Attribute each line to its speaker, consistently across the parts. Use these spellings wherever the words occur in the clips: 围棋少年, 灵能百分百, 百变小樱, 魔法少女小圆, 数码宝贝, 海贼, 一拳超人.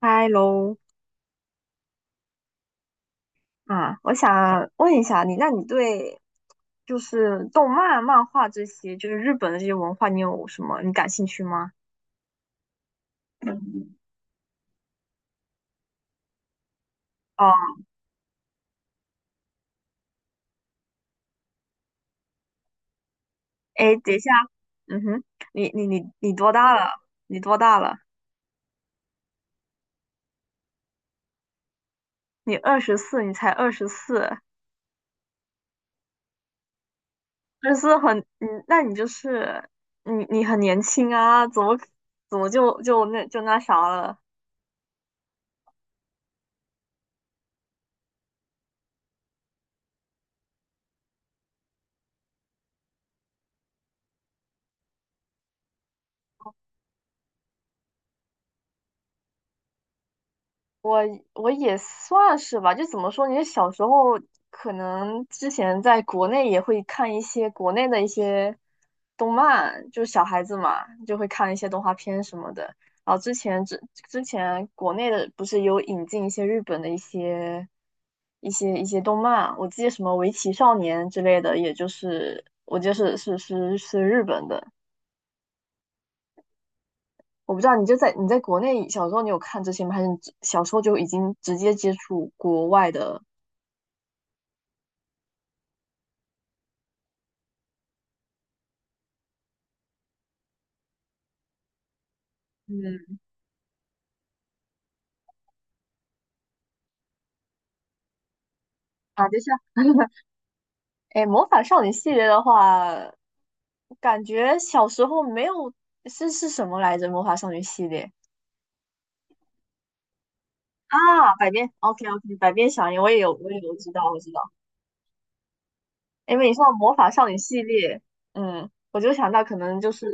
Speaker 1: 嗨喽，啊，我想问一下你，那你对就是动漫、漫画这些，就是日本的这些文化，你有什么你感兴趣吗？哦，哎，等一下，嗯哼，你多大了？你多大了？你二十四，你才二十四，二十四很，嗯，那你就是你很年轻啊，怎么就那啥了？我我也算是吧，就怎么说，你小时候可能之前在国内也会看一些国内的一些动漫，就小孩子嘛，就会看一些动画片什么的。然后之前国内的不是有引进一些日本的一些动漫，我记得什么《围棋少年》之类的，也就是我就是日本的。我不知道你就在你在国内小时候你有看这些吗？还是你只小时候就已经直接接触国外的？嗯，啊，就像，哎，魔法少女系列的话，感觉小时候没有，是什么来着？魔法少女系列啊，百变，OK OK,百变小樱，我也有知道，我知道。因为你说到魔法少女系列，嗯，我就想到可能就是，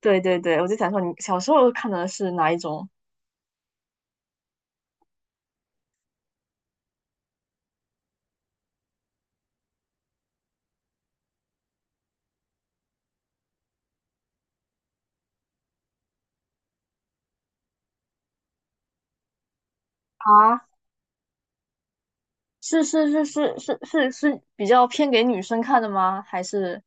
Speaker 1: 对对对，我就想说你小时候看的是哪一种啊？是比较偏给女生看的吗？还是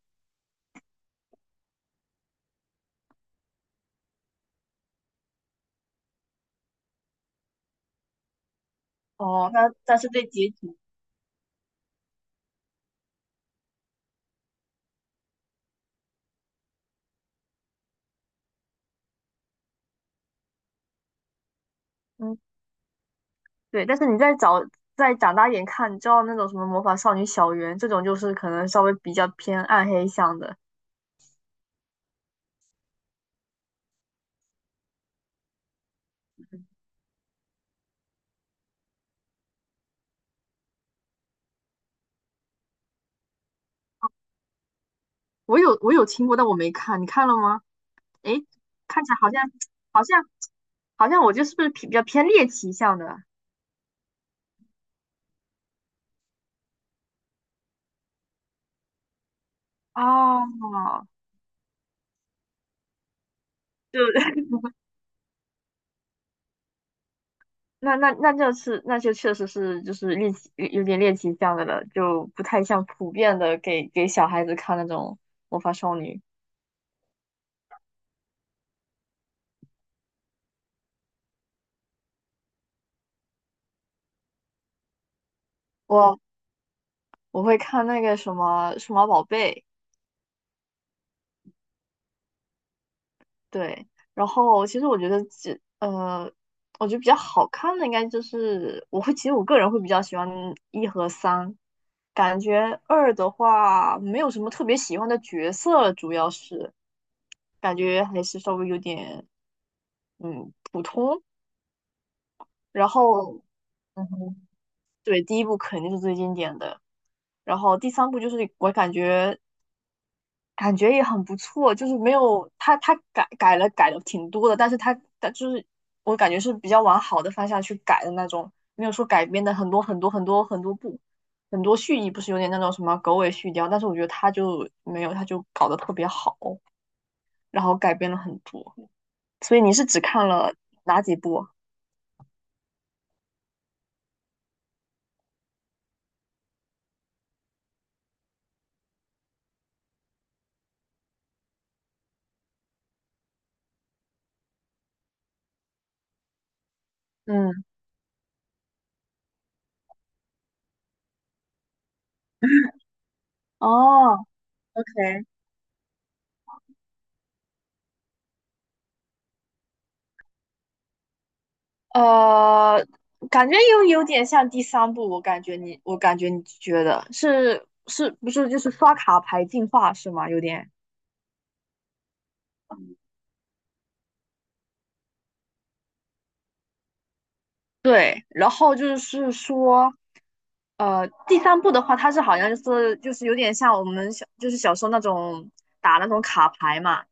Speaker 1: 哦，那但是对结局。嗯。对，但是你再长大一点看，你知道那种什么魔法少女小圆这种，就是可能稍微比较偏暗黑向的。我有听过，但我没看，你看了吗？诶，看起来好像好像我就是不是比较偏猎奇向的？哦，就 那就是那就确实是就是猎奇有点猎奇向的了，就不太像普遍的给小孩子看那种魔法少女。我我会看那个什么数码宝贝。对，然后其实我觉得比较好看的应该就是我会，其实我个人会比较喜欢一和三，感觉二的话没有什么特别喜欢的角色，主要是感觉还是稍微有点普通。然后，嗯哼，对，第一部肯定是最经典的，然后第三部就是我感觉也很不错，就是没有他改了挺多的，但是他就是我感觉是比较往好的方向去改的那种，没有说改编的很多很多很多很多部，很多续集不是有点那种什么狗尾续貂，但是我觉得他就没有，他就搞得特别好，然后改编了很多，所以你是只看了哪几部？嗯，哦，OK。呃，感觉又有点像第三部，我感觉你，我感觉你觉得是不是就是刷卡牌进化是吗？有点对，然后就是说，呃，第三部的话，它是好像就是有点像我们小就是小时候那种打那种卡牌嘛，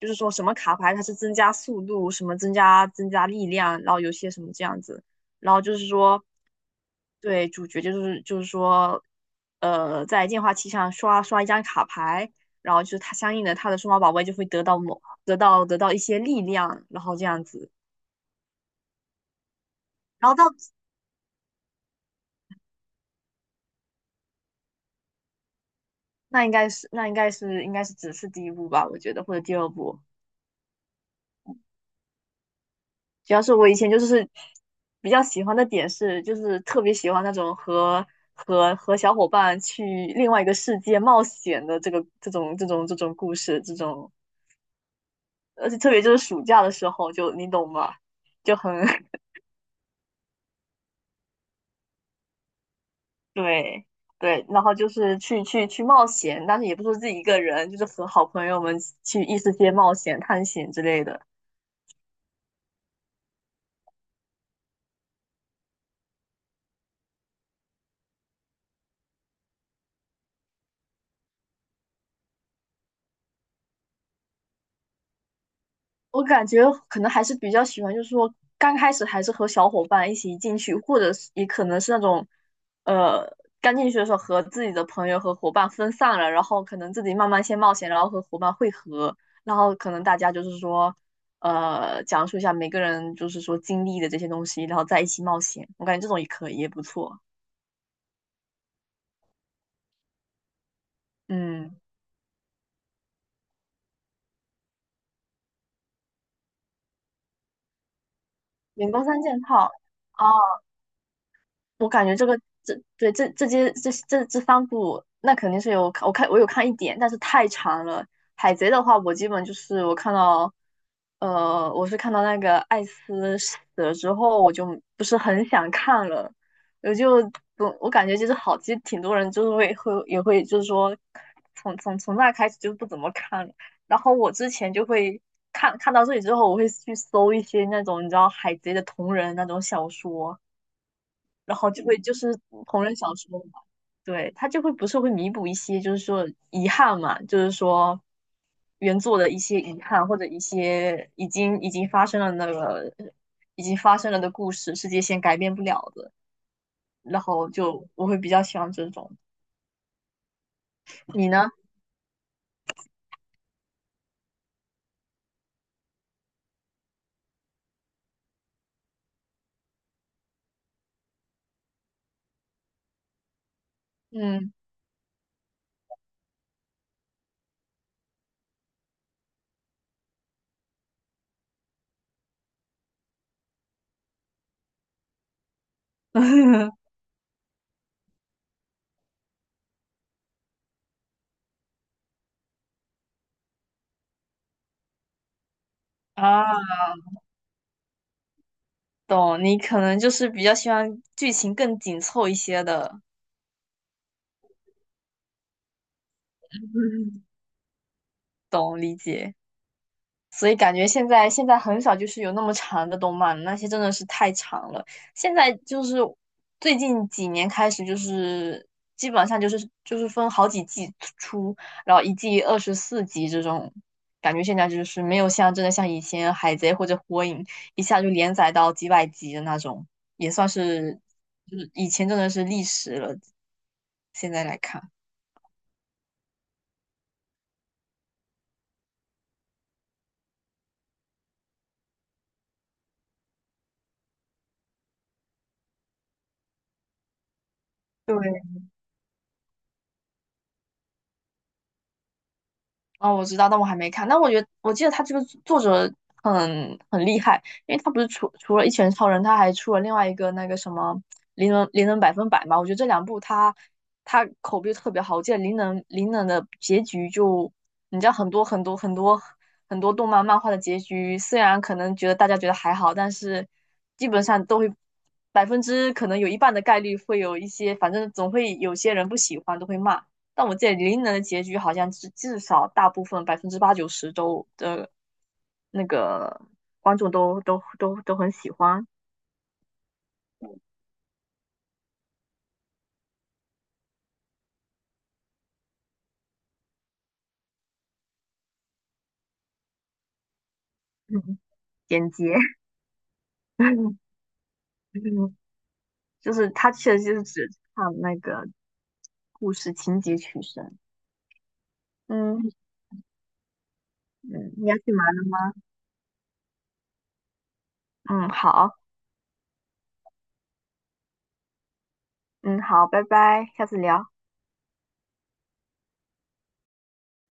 Speaker 1: 就是说什么卡牌它是增加速度，什么增加力量，然后有些什么这样子，然后就是说，对，主角就是说，呃，在电话机上刷一张卡牌，然后就是它相应的它的数码宝贝就会得到某得到得到一些力量，然后这样子，然后到那应该是那应该是应该是只是第一部吧，我觉得或者第二部。主要是我以前就是比较喜欢的点是，就是特别喜欢那种和小伙伴去另外一个世界冒险的这种故事，这种而且特别就是暑假的时候就，你懂吗？就很 对对，然后就是去冒险，但是也不是自己一个人，就是和好朋友们去异世界冒险、探险之类的。我感觉可能还是比较喜欢，就是说刚开始还是和小伙伴一起进去，或者是也可能是那种，呃，刚进去的时候和自己的朋友和伙伴分散了，然后可能自己慢慢先冒险，然后和伙伴汇合，然后可能大家就是说，呃，讲述一下每个人就是说经历的这些东西，然后在一起冒险。我感觉这种也可以，也不错。嗯，员工三件套。哦，我感觉这个这对这这些这这这三部，那肯定是有看我看我有看一点，但是太长了。海贼的话，我基本就是我看到，呃，我是看到那个艾斯死了之后，我就不是很想看了，我就我感觉就是好，其实挺多人就是也会就是说，从那开始就不怎么看了。然后我之前就会看到这里之后，我会去搜一些那种你知道海贼的同人那种小说。然后就会就是同人小说嘛，对，它就会不是会弥补一些就是说遗憾嘛，就是说原作的一些遗憾或者一些已经发生了的故事，世界线改变不了的，然后就我会比较喜欢这种。你呢？嗯 啊，懂，你可能就是比较喜欢剧情更紧凑一些的，懂理解。所以感觉现在很少就是有那么长的动漫，那些真的是太长了。现在就是最近几年开始，就是基本上就是分好几季出，然后一季24集这种。感觉现在就是没有像真的像以前海贼或者火影一下就连载到几百集的那种，也算是就是以前真的是历史了。现在来看，对，哦，我知道，但我还没看。但我觉得，我记得他这个作者很厉害，因为他不是除了《一拳超人》，他还出了另外一个那个什么《灵能百分百》嘛。我觉得这两部他口碑特别好。我记得《灵能》的结局就，你知道很多很多很多很多动漫漫画的结局，虽然可能觉得大家觉得还好，但是基本上都会百分之可能有一半的概率会有一些，反正总会有些人不喜欢，都会骂。但我记得林能的结局好像至少大部分百分之八九十都的那个观众都很喜欢。嗯，简洁，就是他确实就是只看那个故事情节取胜。嗯嗯，你要去忙了。嗯，好，嗯好，拜拜，下次聊。